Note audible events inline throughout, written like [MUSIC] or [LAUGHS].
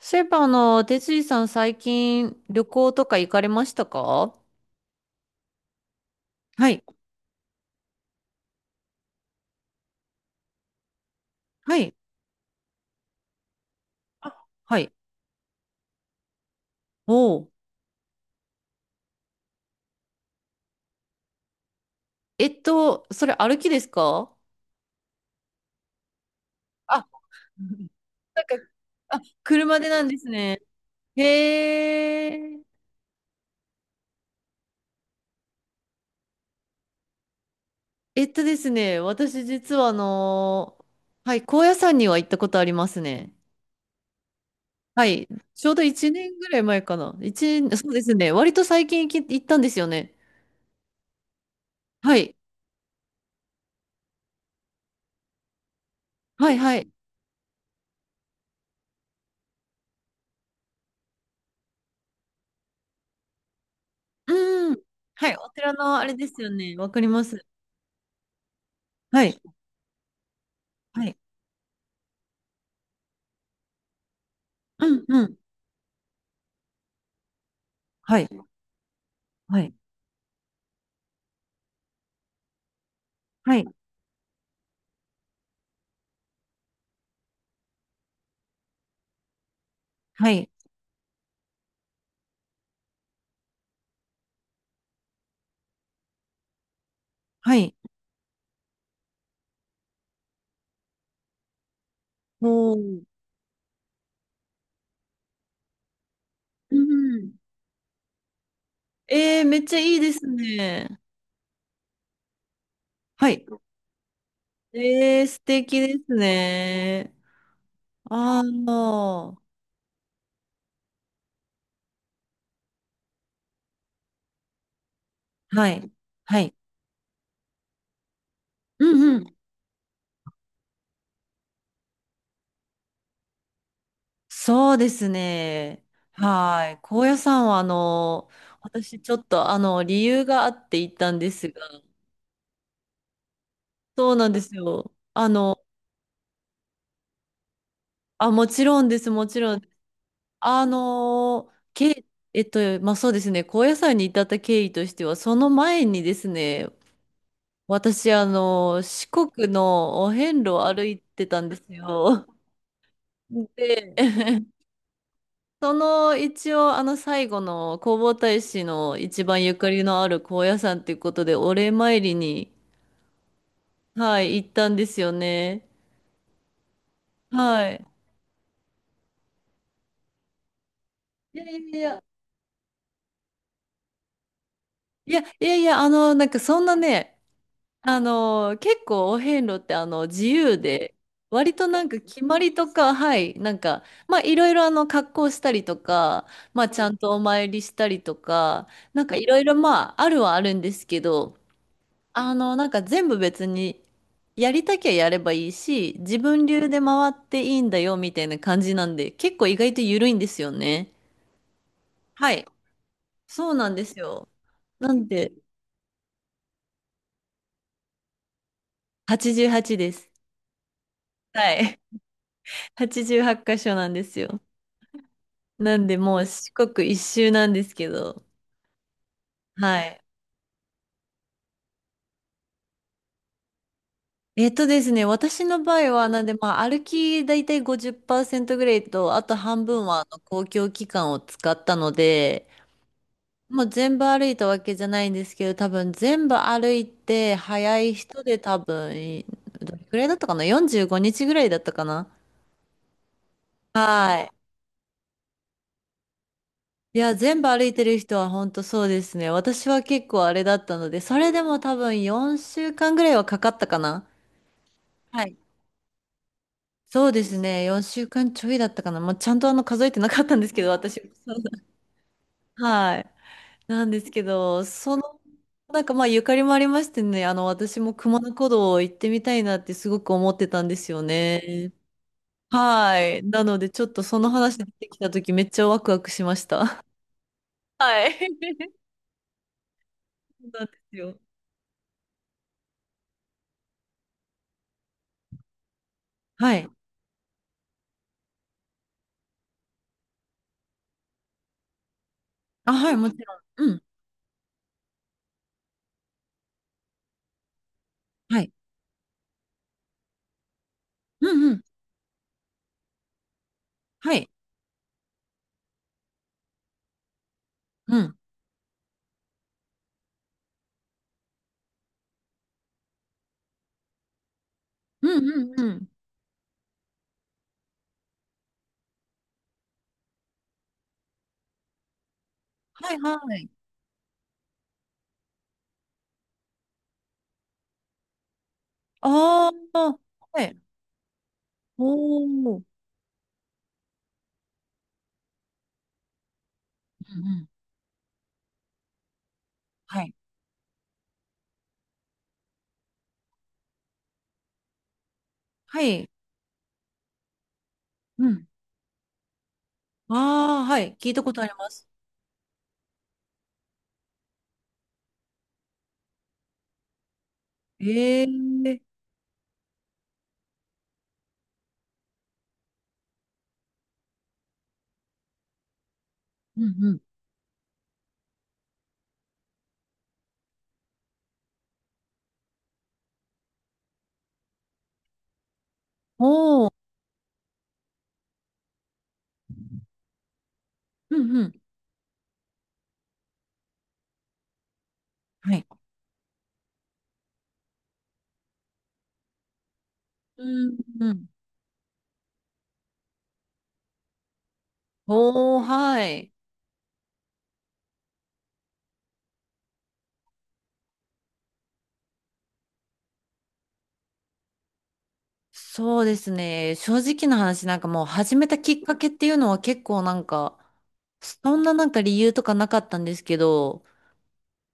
そういえば、哲司さん最近旅行とか行かれましたか？はい、はい、あはい。おう。それ歩きですか？あ、なんか、あ、車でなんですね。へえ。えっとですね、私実ははい、高野山には行ったことありますね。はい、ちょうど1年ぐらい前かな。一年そうですね、割と最近行ったんですよね。はい、はい、はい。うん。はい、お寺のあれですよね。わかります。はい。はい。うんうん。はい。はい。はい。はい。はい。おー。うん。えー、めっちゃいいですね。はい。えー、素敵ですね。ああ。はい。はい。うんうん。そうですね。はい。高野山は、私ちょっと、理由があって行ったんですが、そうなんですよ。あ、もちろんです、もちろん。あのー、け、まあ、そうですね、高野山に至った経緯としては、その前にですね、私、四国のお遍路を歩いてたんですよ。で、[LAUGHS] その一応、最後の弘法大師の一番ゆかりのある高野山ということで、お礼参りに、はい、行ったんですよね。はい。いやいやいや、いやいやいや、なんかそんなね、結構お遍路って自由で、割となんか決まりとか、はい、なんか、まあいろいろ格好したりとか、まあちゃんとお参りしたりとか、なんかいろいろまああるはあるんですけど、なんか全部別にやりたきゃやればいいし、自分流で回っていいんだよみたいな感じなんで、結構意外と緩いんですよね。はい、そうなんですよ。なんで、88です。はい、88箇所なんですよ。なんで、もう四国一周なんですけど。はい。えっとですね、私の場合は、なんで、まあ、歩きだいたい50%ぐらいと、あと半分はあの公共機関を使ったので、もう全部歩いたわけじゃないんですけど、多分全部歩いて、早い人で多分、どれくらいだったかな？ 45 日ぐらいだったかな。はい。いや、全部歩いてる人は本当そうですね。私は結構あれだったので、それでも多分4週間ぐらいはかかったかな。はい、そうですね。4週間ちょいだったかな。まあ、ちゃんと数えてなかったんですけど、私。[LAUGHS] はい。なんですけど、その、なんかまあゆかりもありましてね、私も熊野古道行ってみたいなってすごく思ってたんですよね。はい。なのでちょっとその話出てきた時めっちゃワクワクしました。[LAUGHS] はい。そうなんですよ。はい。あ、はい、もちろん。うん。はい。うんうん。はい。うん。うんうんうん。はいはい。ああ、はい。おー。うんうん。はい。はい。うん。ああ、はい。聞いたことあります。ええ、うんうん。おお。うんうん。はい。うんうん。おお、はい。そうですね。正直な話、なんかもう始めたきっかけっていうのは結構なんか、そんななんか理由とかなかったんですけど、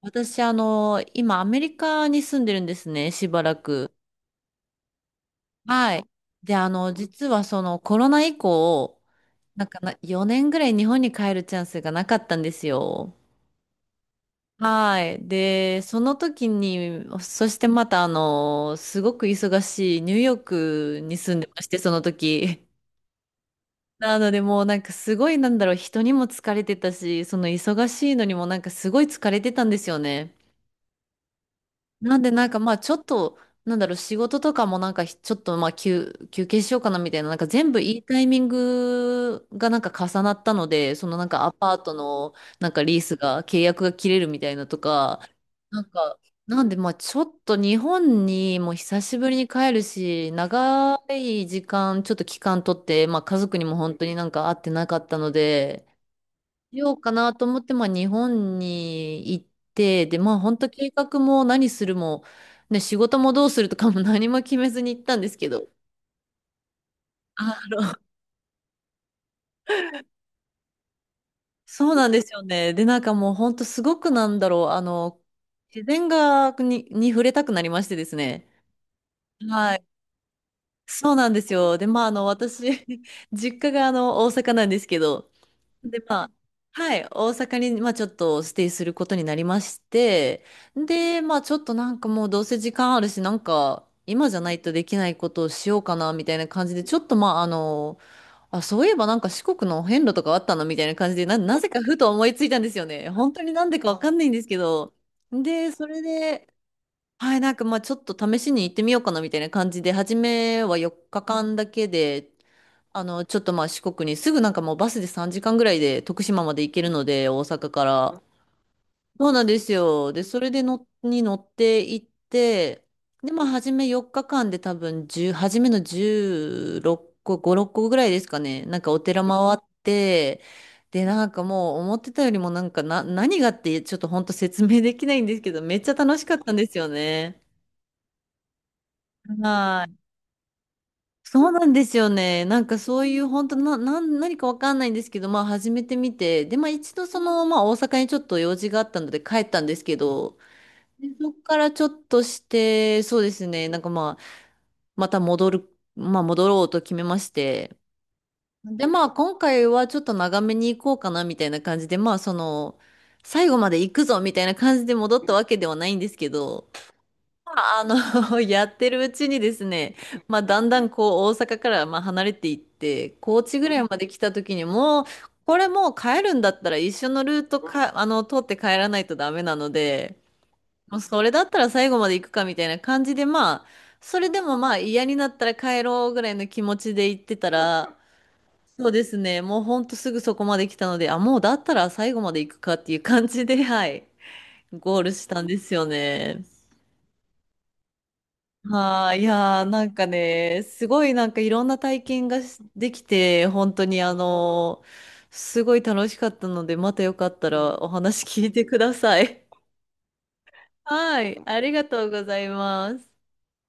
私、今アメリカに住んでるんですね、しばらく。はい。で、実はそのコロナ以降、なんかな、4年ぐらい日本に帰るチャンスがなかったんですよ。はい。で、その時に、そしてまたすごく忙しいニューヨークに住んでまして、その時。なのでもうなんかすごいなんだろう、人にも疲れてたし、その忙しいのにもなんかすごい疲れてたんですよね。なんでなんかまあちょっと、なんだろう、仕事とかもなんかひちょっとまあ休憩しようかなみたいな、なんか全部いいタイミングがなんか重なったので、そのなんかアパートのなんかリースが、契約が切れるみたいなとか、なんか、なんでまあちょっと日本にもう久しぶりに帰るし、長い時間、ちょっと期間取って、まあ家族にも本当になんか会ってなかったので、しようかなと思って、まあ、日本に行って、で、まあ、本当計画も何するも、ね、仕事もどうするとかも [LAUGHS] 何も決めずに行ったんですけど、あの、そうなんですよね。で、なんかもう本当すごくなんだろう、自然に触れたくなりましてですね。はい。そうなんですよ。で、まあ、私、[LAUGHS] 実家が大阪なんですけど、で、まあ、はい、大阪に、まあ、ちょっとステイすることになりまして、で、まあ、ちょっとなんかもうどうせ時間あるし、なんか、今じゃないとできないことをしようかな、みたいな感じで、ちょっとまあ、あ、そういえばなんか四国の遍路とかあったのみたいな感じで、なぜかふと思いついたんですよね。本当になんでかわかんないんですけど。で、それで、はい、なんかまあちょっと試しに行ってみようかなみたいな感じで、初めは4日間だけで、ちょっとまあ四国にすぐなんかもうバスで3時間ぐらいで徳島まで行けるので、大阪から。そうなんですよ。で、それでの、に乗って行って、で、まあ初め4日間で多分10、初めの16個、5、6個ぐらいですかね。なんかお寺回って、で、なんかもう思ってたよりもなんかな、何がってちょっと本当説明できないんですけど、めっちゃ楽しかったんですよね。はい。そうなんですよね。なんかそういう本当な、何かわかんないんですけど、まあ始めてみて、で、まあ一度その、まあ大阪にちょっと用事があったので帰ったんですけど、でそこからちょっとして、そうですね、なんかまあ、また戻る、まあ戻ろうと決めまして、で、まあ今回はちょっと長めに行こうかなみたいな感じで、まあその、最後まで行くぞみたいな感じで戻ったわけではないんですけど、[LAUGHS] やってるうちにですね、まあ、だんだんこう、大阪からまあ離れていって、高知ぐらいまで来た時にもう、これもう帰るんだったら一緒のルートか、通って帰らないとダメなので、もうそれだったら最後まで行くかみたいな感じで、まあ、それでもまあ嫌になったら帰ろうぐらいの気持ちで行ってたら、そうですね、もうほんとすぐそこまで来たので、あ、もうだったら最後まで行くかっていう感じで、はい、ゴールしたんですよね。はあ、いやー、なんかね、すごいなんかいろんな体験ができて、本当にあのーすごい楽しかったので、またよかったらお話聞いてください。[LAUGHS] はい、ありがとうございます。